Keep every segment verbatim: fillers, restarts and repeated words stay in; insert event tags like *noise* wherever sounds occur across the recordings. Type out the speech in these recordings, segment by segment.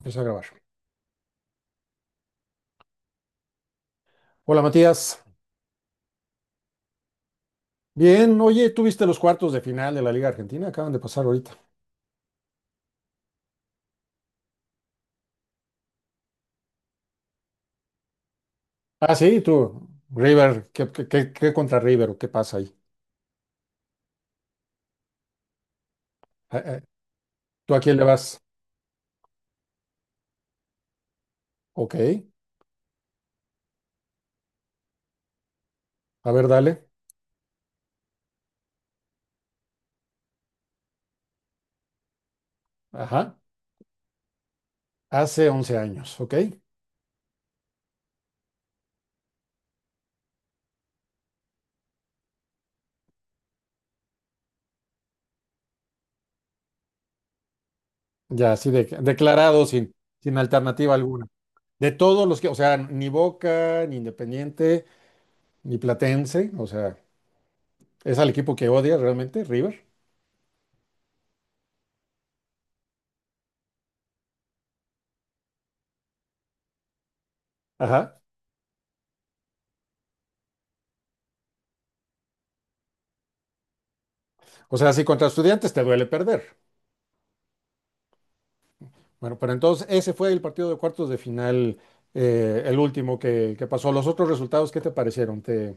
Empieza a grabar. Hola Matías. Bien, oye, ¿tú viste los cuartos de final de la Liga Argentina? Acaban de pasar ahorita. Ah, sí, tú, River, ¿qué, qué, qué- qué contra River o qué pasa ahí? Ah, ah, ¿tú a quién le vas? Ok, a ver, dale. Ajá, hace once años, ok. Ya, así de, declarado sin, sin alternativa alguna. De todos los que, o sea, ni Boca, ni Independiente, ni Platense, o sea, es al equipo que odias realmente, River. Ajá. O sea, si contra Estudiantes te duele perder. Bueno, pero entonces ese fue el partido de cuartos de final, eh, el último que, que pasó. ¿Los otros resultados qué te parecieron? ¿Te,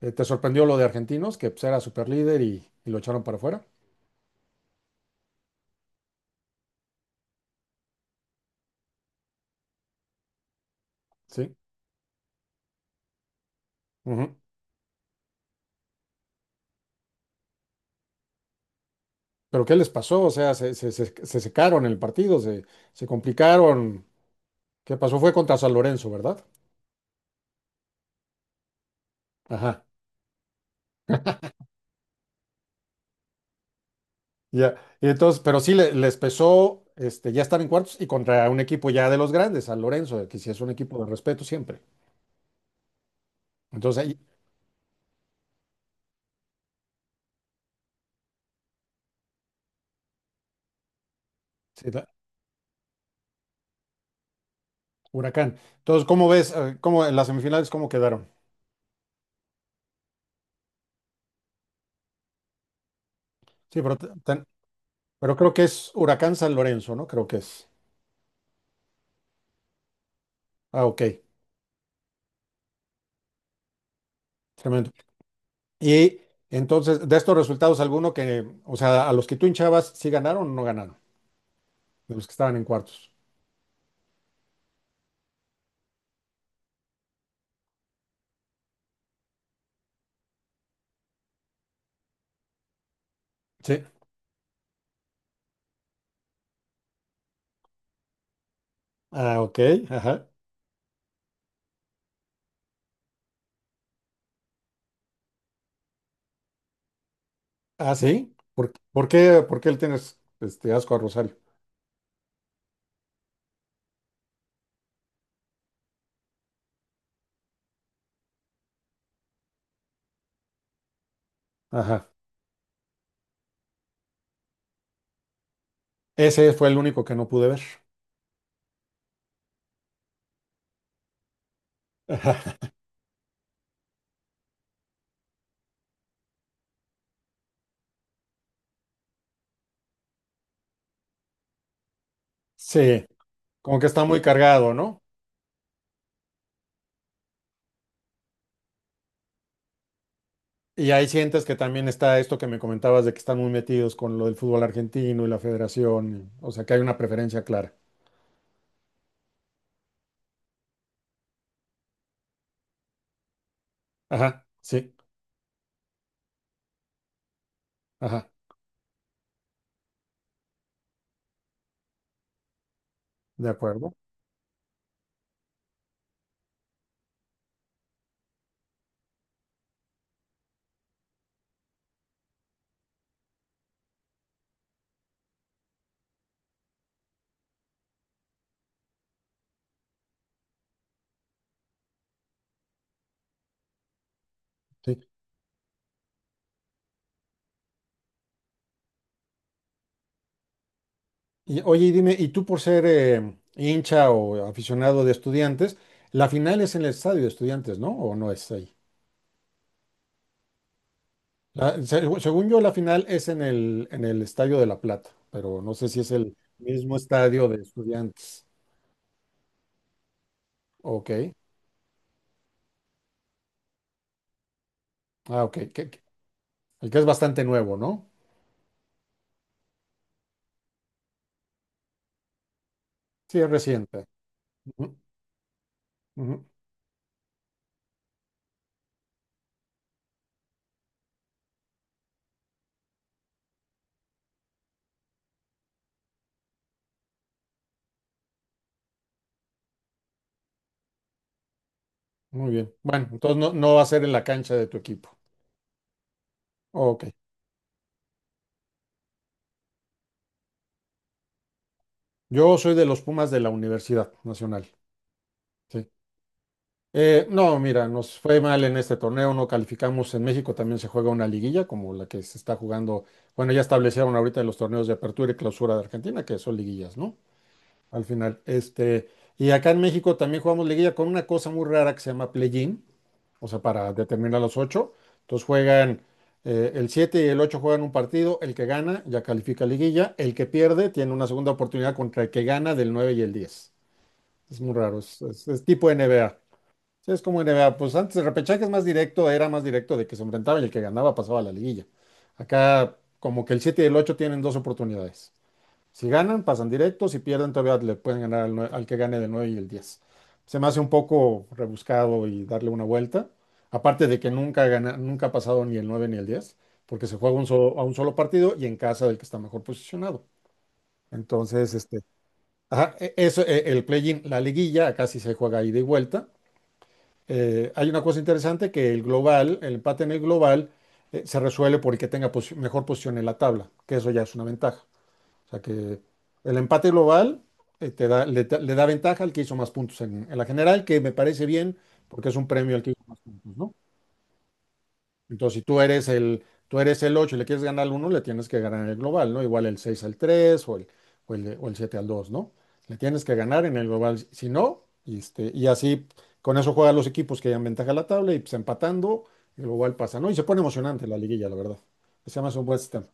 eh, te sorprendió lo de Argentinos, que pues, era superlíder y, y lo echaron para afuera? Sí. Ujú. ¿Pero qué les pasó? O sea, se, se, se, se secaron el partido, se, se complicaron. ¿Qué pasó? Fue contra San Lorenzo, ¿verdad? Ajá. Ya. Y entonces, pero sí le- les pesó este, ya estar en cuartos y contra un equipo ya de los grandes, San Lorenzo, que sí es un equipo de respeto siempre. Entonces ahí. Sí, Huracán. Entonces, ¿cómo ves? eh, ¿Cómo en las semifinales cómo quedaron? Sí, pero, te- te- pero creo que es Huracán San Lorenzo, ¿no? Creo que es. Ah, ok. Tremendo. Y entonces, de estos resultados, alguno que, o sea, a los que tú hinchabas, ¿sí ganaron o no ganaron? De los que estaban en cuartos. Sí. Ah, ok. Ajá. Ah, sí. ¿Por, por qué, por qué le tienes este asco a Rosario? Ajá. Ese fue el único que no pude ver. *laughs* Ajá. Sí. Como que está muy cargado, ¿no? Y ahí sientes que también está esto que me comentabas de que están muy metidos con lo del fútbol argentino y la federación, y- o sea, que hay una preferencia clara. Ajá, sí, ajá, de acuerdo. Sí. Y oye, y dime, ¿y tú por ser eh, hincha o aficionado de estudiantes, la final es en el estadio de estudiantes, ¿no? ¿O no es ahí? La- se- según yo, la final es en el, en el Estadio de La Plata, pero no sé si es el mismo estadio de estudiantes. Ok, ah, ok, que- que- el que es bastante nuevo, ¿no? Sí, es reciente. Ujú, ujú. Muy bien. Bueno, entonces no, no va a ser en la cancha de tu equipo. Ok. Yo soy de los Pumas de la Universidad Nacional. Sí. Eh, no, mira, nos fue mal en este torneo, no calificamos. En México también se juega una liguilla como la que se está jugando. Bueno, ya establecieron ahorita en los torneos de apertura y clausura de Argentina, que son liguillas, ¿no? Al final. Este, y acá en México también jugamos liguilla con una cosa muy rara que se llama play-in, o sea, para determinar los ocho. Entonces juegan eh, el siete y el ocho juegan un partido, el que gana ya califica a liguilla, el que pierde tiene una segunda oportunidad contra el que gana del nueve y el diez. Es muy raro, es, es- es tipo N B A. Sí, es como N B A, pues antes el repechaje es más directo, era más directo de que se enfrentaban y el que ganaba pasaba a la liguilla. Acá como que el siete y el ocho tienen dos oportunidades. Si ganan, pasan directos. Si pierden, todavía le pueden ganar al, nue- al que gane del nueve y el diez. Se me hace un poco rebuscado y darle una vuelta. Aparte de que nunca, gana- nunca ha pasado ni el nueve ni el diez, porque se juega un solo- a un solo partido y en casa del que está mejor posicionado. Entonces, este, ajá, e- eso, e- el play-in, la liguilla, acá casi se juega ida y vuelta. Eh, hay una cosa interesante que el global, el empate en el global, eh, se resuelve por el que tenga posi- mejor posición en la tabla, que eso ya es una ventaja. O sea que el empate global eh, te da, le, da le da ventaja al que hizo más puntos en, en la general, que me parece bien porque es un premio al que hizo más puntos, ¿no? Entonces, si tú eres el, tú eres el ocho y le quieres ganar al uno le tienes que ganar el global, ¿no? Igual el seis al tres o el, o el, o el siete al dos, ¿no? Le tienes que ganar en el global, si no, y, este, y así con eso juegan los equipos que dan ventaja a la tabla y pues empatando, el global pasa, ¿no? Y se pone emocionante la liguilla, la verdad. Se llama un buen sistema.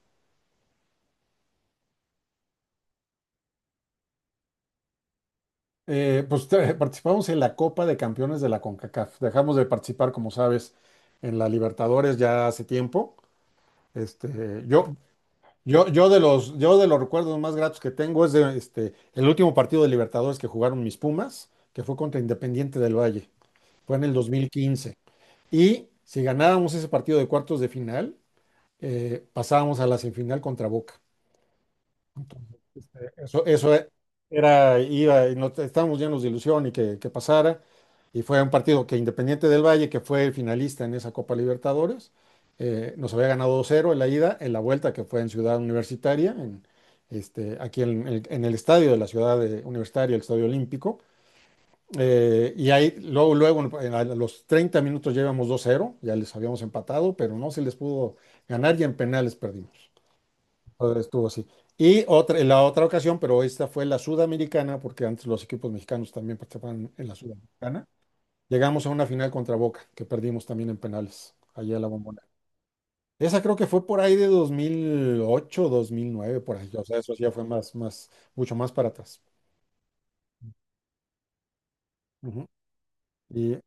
Eh, pues *laughs* te- participamos en la Copa de Campeones de la CONCACAF. Dejamos de participar, como sabes, en la Libertadores ya hace tiempo. Este, yo, yo, yo de los, yo de los recuerdos más gratos que tengo es de, este, el último partido de Libertadores que jugaron mis Pumas, que fue contra Independiente del Valle. Fue en el dos mil quince. Y si ganábamos ese partido de cuartos de final, eh, pasábamos a la semifinal contra Boca. Eso, eso e- era, iba, y no, te- estábamos llenos de ilusión y que, que pasara. Y fue un partido que Independiente del Valle, que fue finalista en esa Copa Libertadores, eh, nos había ganado dos cero en la ida, en la vuelta que fue en Ciudad Universitaria, en, este, aquí en, el en el estadio de la Ciudad eh, Universitaria, el Estadio Olímpico. Eh, y ahí, luego, luego, en- a los treinta minutos ya íbamos dos cero, ya les habíamos empatado, pero no se les pudo ganar y en penales perdimos. Todo estuvo así. Y otra, en la otra ocasión, pero esta fue la Sudamericana, porque antes los equipos mexicanos también participaban en la Sudamericana. Llegamos a una final contra Boca, que perdimos también en penales, allá en la Bombonera. Esa creo que fue por ahí de dos dos mil ocho dos mil nueve por ahí. O sea, eso ya fue más, más, mucho más para atrás. Ujú. Y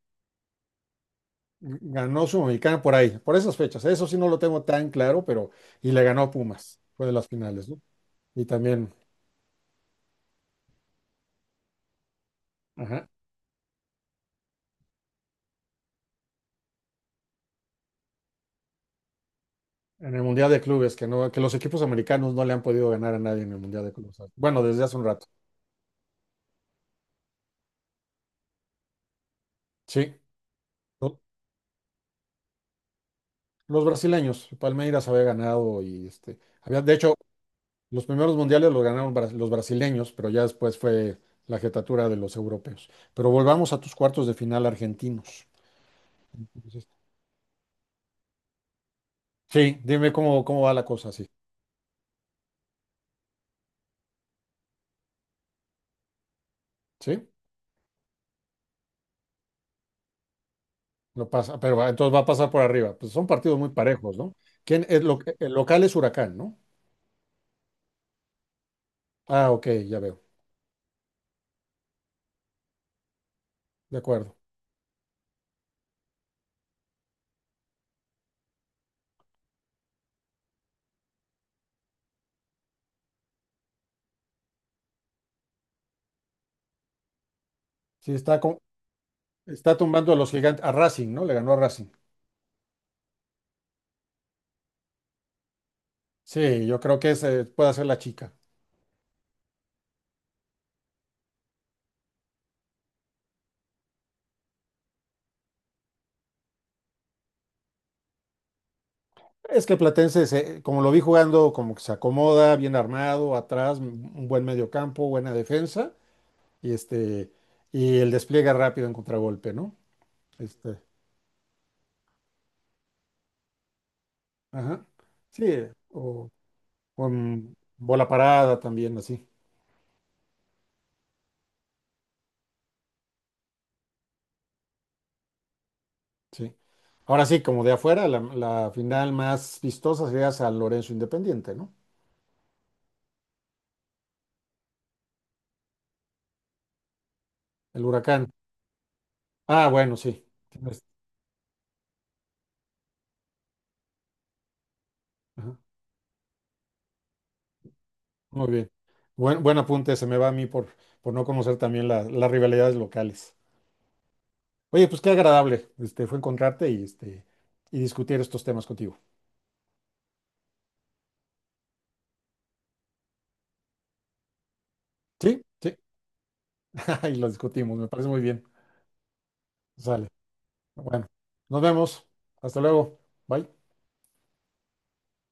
ganó Sudamericana por ahí, por esas fechas. Eso sí no lo tengo tan claro, pero y le ganó a Pumas. Fue de las finales, ¿no? Y también, ajá. En el Mundial de Clubes, que no, que los equipos americanos no le han podido ganar a nadie en el Mundial de Clubes. Bueno, desde hace un rato. Sí. Lo- Los brasileños, Palmeiras había ganado y este, había, de hecho, los primeros mundiales los ganaron bra- los brasileños, pero ya después fue la jetatura de los europeos. Pero volvamos a tus cuartos de final argentinos. Entonces, sí, dime cómo, cómo va la cosa, sí. Sí, lo pasa, pero va- entonces va a pasar por arriba. Pues son partidos muy parejos, ¿no? ¿Quién, el, lo- el local es Huracán, ¿no? Ah, ok, ya veo. De acuerdo. Sí, está, con está tumbando a los gigantes, a Racing, ¿no? Le ganó a Racing. Sí, yo creo que ese puede ser la chica. Es que Platense, se- como lo vi jugando, como que se acomoda, bien armado, atrás, un buen mediocampo, buena defensa, y este, y el despliegue rápido en contragolpe, ¿no? Este, ajá. Sí, o con bola parada también, así, sí. Ahora sí, como de afuera, la, la final más vistosa sería San Lorenzo Independiente, ¿no? El Huracán. Ah, bueno, sí. Tienes- ajá. Muy bien. Buen, buen apunte, se me va a mí por, por no conocer también la- las rivalidades locales. Oye, pues qué agradable, este, fue encontrarte y, este, y discutir estos temas contigo. Sí, sí, *laughs* y los discutimos, me parece muy bien. Sale. Bueno, nos vemos. Hasta luego. Bye.